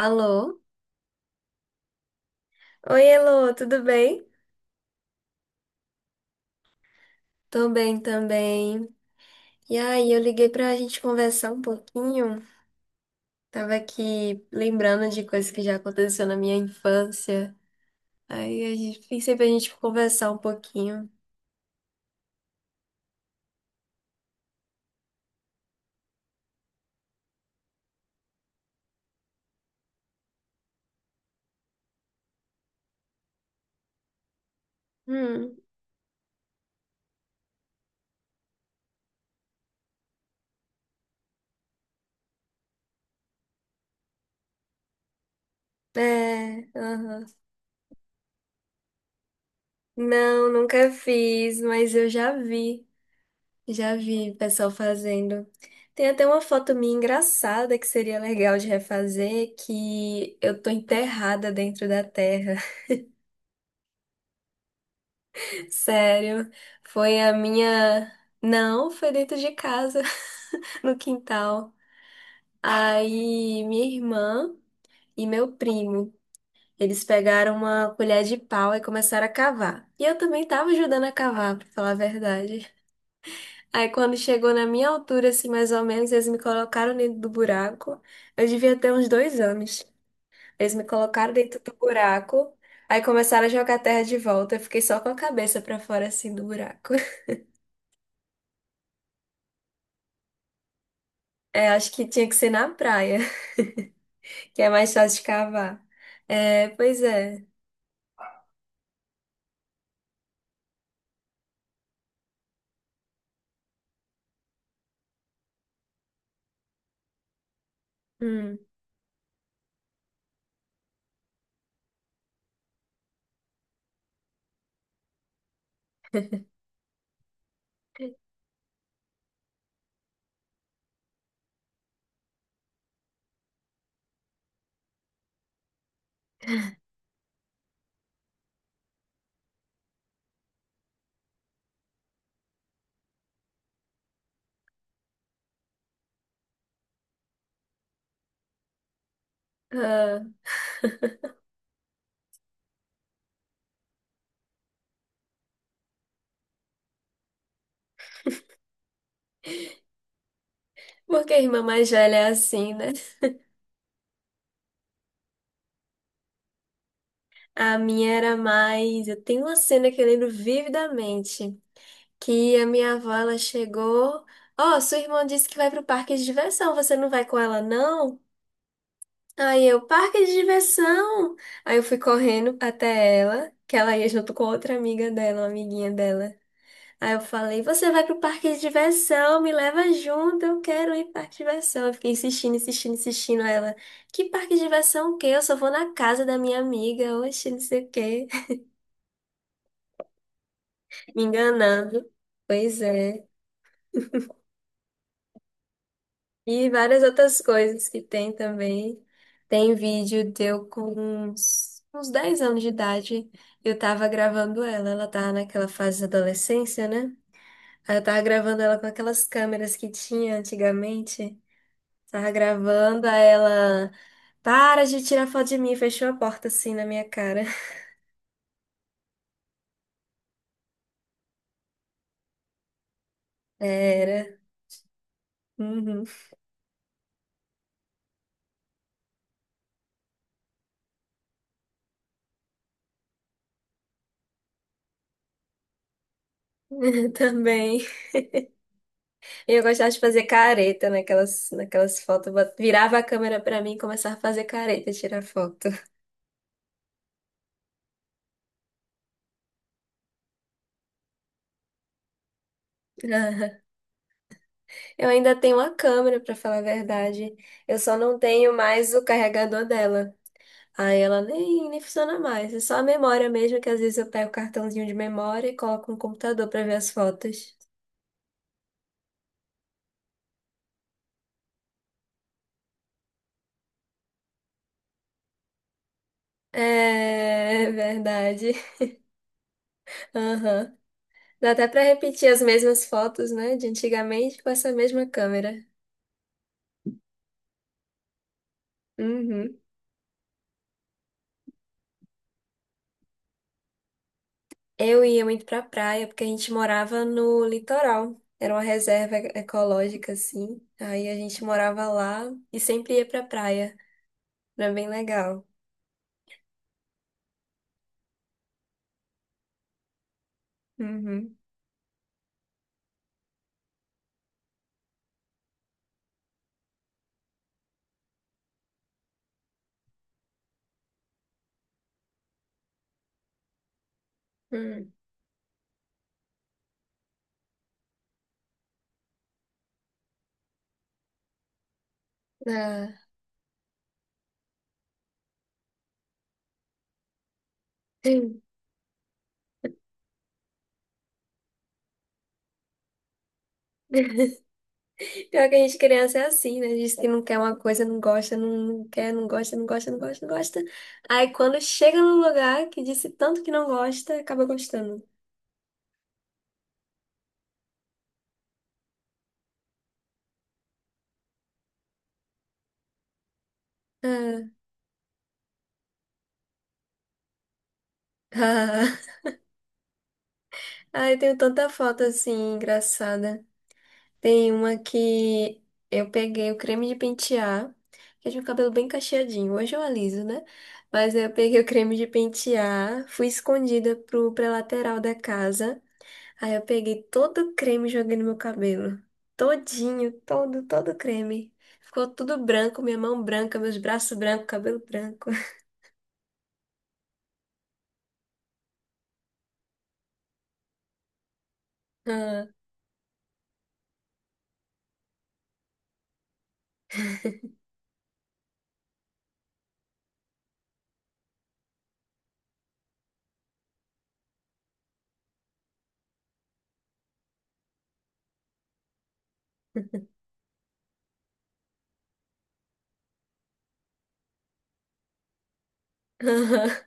Alô? Oi, Elô, tudo bem? Tô bem também. E aí, eu liguei pra gente conversar um pouquinho. Tava aqui lembrando de coisas que já aconteceu na minha infância. Aí a gente pensei pra gente conversar um pouquinho. Hum. É, aham. Não, nunca fiz, mas eu já vi pessoal fazendo. Tem até uma foto minha engraçada que seria legal de refazer, que eu tô enterrada dentro da terra. Sério, foi a minha. Não, foi dentro de casa, no quintal. Aí minha irmã e meu primo, eles pegaram uma colher de pau e começaram a cavar. E eu também tava ajudando a cavar, pra falar a verdade. Aí quando chegou na minha altura, assim, mais ou menos, eles me colocaram dentro do buraco. Eu devia ter uns 2 anos. Eles me colocaram dentro do buraco. Aí começaram a jogar terra de volta. Eu fiquei só com a cabeça pra fora, assim, do buraco. É, acho que tinha que ser na praia, que é mais fácil de cavar. É, pois é. Hum. Ah, Porque a irmã mais velha é assim, né? A minha era mais. Eu tenho uma cena que eu lembro vividamente, que a minha avó ela chegou. Ó, sua irmã disse que vai pro parque de diversão, você não vai com ela, não? Aí eu, parque de diversão! Aí eu fui correndo até ela, que ela ia junto com outra amiga dela, uma amiguinha dela. Aí eu falei, você vai pro parque de diversão, me leva junto, eu quero ir pro parque de diversão. Eu fiquei insistindo, insistindo, insistindo. Aí ela, que parque de diversão o quê? Eu só vou na casa da minha amiga, oxe, não sei o quê. Me enganando. Pois é. E várias outras coisas que tem também. Tem vídeo deu com uns 10 anos de idade. Eu tava gravando ela, ela tava naquela fase da adolescência, né? Aí eu tava gravando ela com aquelas câmeras que tinha antigamente. Tava gravando, aí ela. Para de tirar foto de mim, fechou a porta assim na minha cara. Era. Uhum. Também. E eu gostava de fazer careta naquelas fotos. Eu Bot- virava a câmera pra mim e começava a fazer careta, tirar foto. Eu ainda tenho uma câmera, pra falar a verdade. Eu só não tenho mais o carregador dela. Aí ela nem funciona mais. É só a memória mesmo, que às vezes eu pego o cartãozinho de memória e coloco no computador pra ver as fotos. É verdade. Aham. Dá até pra repetir as mesmas fotos, né, de antigamente com essa mesma câmera. Uhum. Eu ia muito pra praia porque a gente morava no litoral. Era uma reserva ecológica, assim. Aí a gente morava lá e sempre ia pra praia. Era bem legal. Uhum. Hum. Ah. Pior que a gente criança é assim, né? Diz que não quer uma coisa, não gosta, não quer, não gosta, não gosta, não gosta, não gosta. Aí quando chega num lugar que disse tanto que não gosta, acaba gostando. Ah, ah. Ai, tenho tanta foto assim, engraçada. Tem uma que eu peguei o creme de pentear, que eu tinha o cabelo bem cacheadinho. Hoje eu aliso, né? Mas eu peguei o creme de pentear, fui escondida pra lateral da casa. Aí eu peguei todo o creme e joguei no meu cabelo. Todinho, todo creme. Ficou tudo branco, minha mão branca, meus braços brancos, cabelo branco. Ah,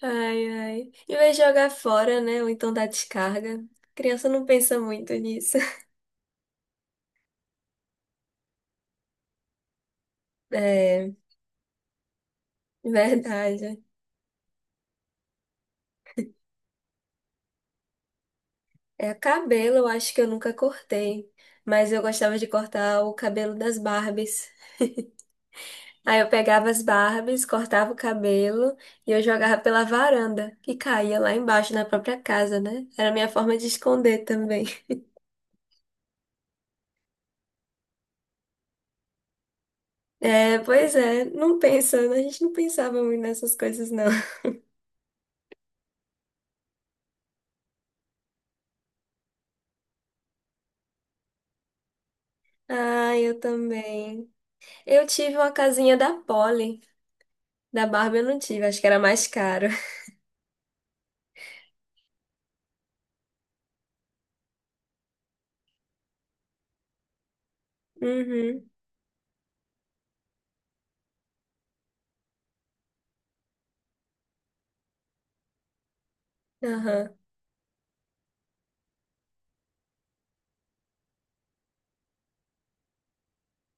ai, ai. Em vez de jogar fora, né? Ou então dar descarga. Criança não pensa muito nisso. É, verdade. É, cabelo, eu acho que eu nunca cortei. Mas eu gostava de cortar o cabelo das Barbies. Aí eu pegava as Barbies, cortava o cabelo e eu jogava pela varanda, que caía lá embaixo na própria casa, né? Era a minha forma de esconder também. É, pois é, não pensa, né? A gente não pensava muito nessas coisas, não. Ah, eu também. Eu tive uma casinha da Polly. Da Barbie eu não tive, acho que era mais caro. Uhum, aham.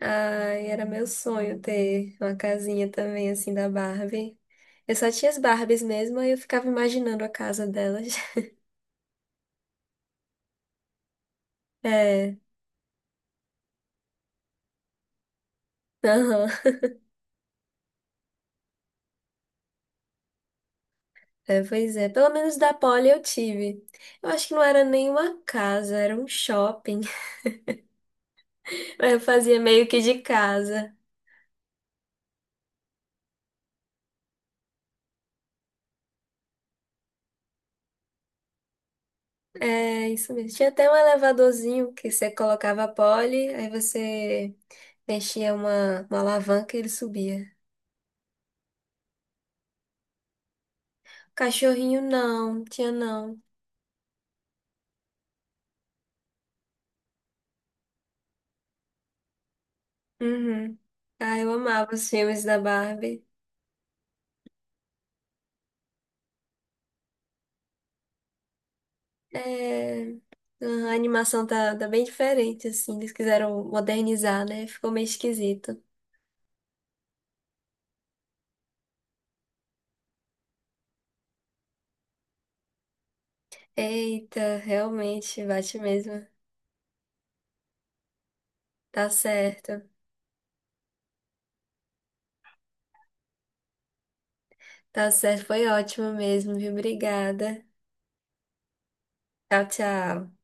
Ai, era meu sonho ter uma casinha também, assim, da Barbie. Eu só tinha as Barbies mesmo, aí eu ficava imaginando a casa delas. É, aham. É, pois é. Pelo menos da Poli eu tive. Eu acho que não era nenhuma casa, era um shopping. Mas eu fazia meio que de casa. É, isso mesmo. Tinha até um elevadorzinho que você colocava a Poli, aí você mexia uma alavanca e ele subia. Cachorrinho não, tinha não. Uhum. Ah, eu amava os filmes da Barbie. É, a animação tá bem diferente, assim. Eles quiseram modernizar, né? Ficou meio esquisito. Eita, realmente, bate mesmo. Tá certo. Tá certo, foi ótimo mesmo, viu? Obrigada. Tchau, tchau.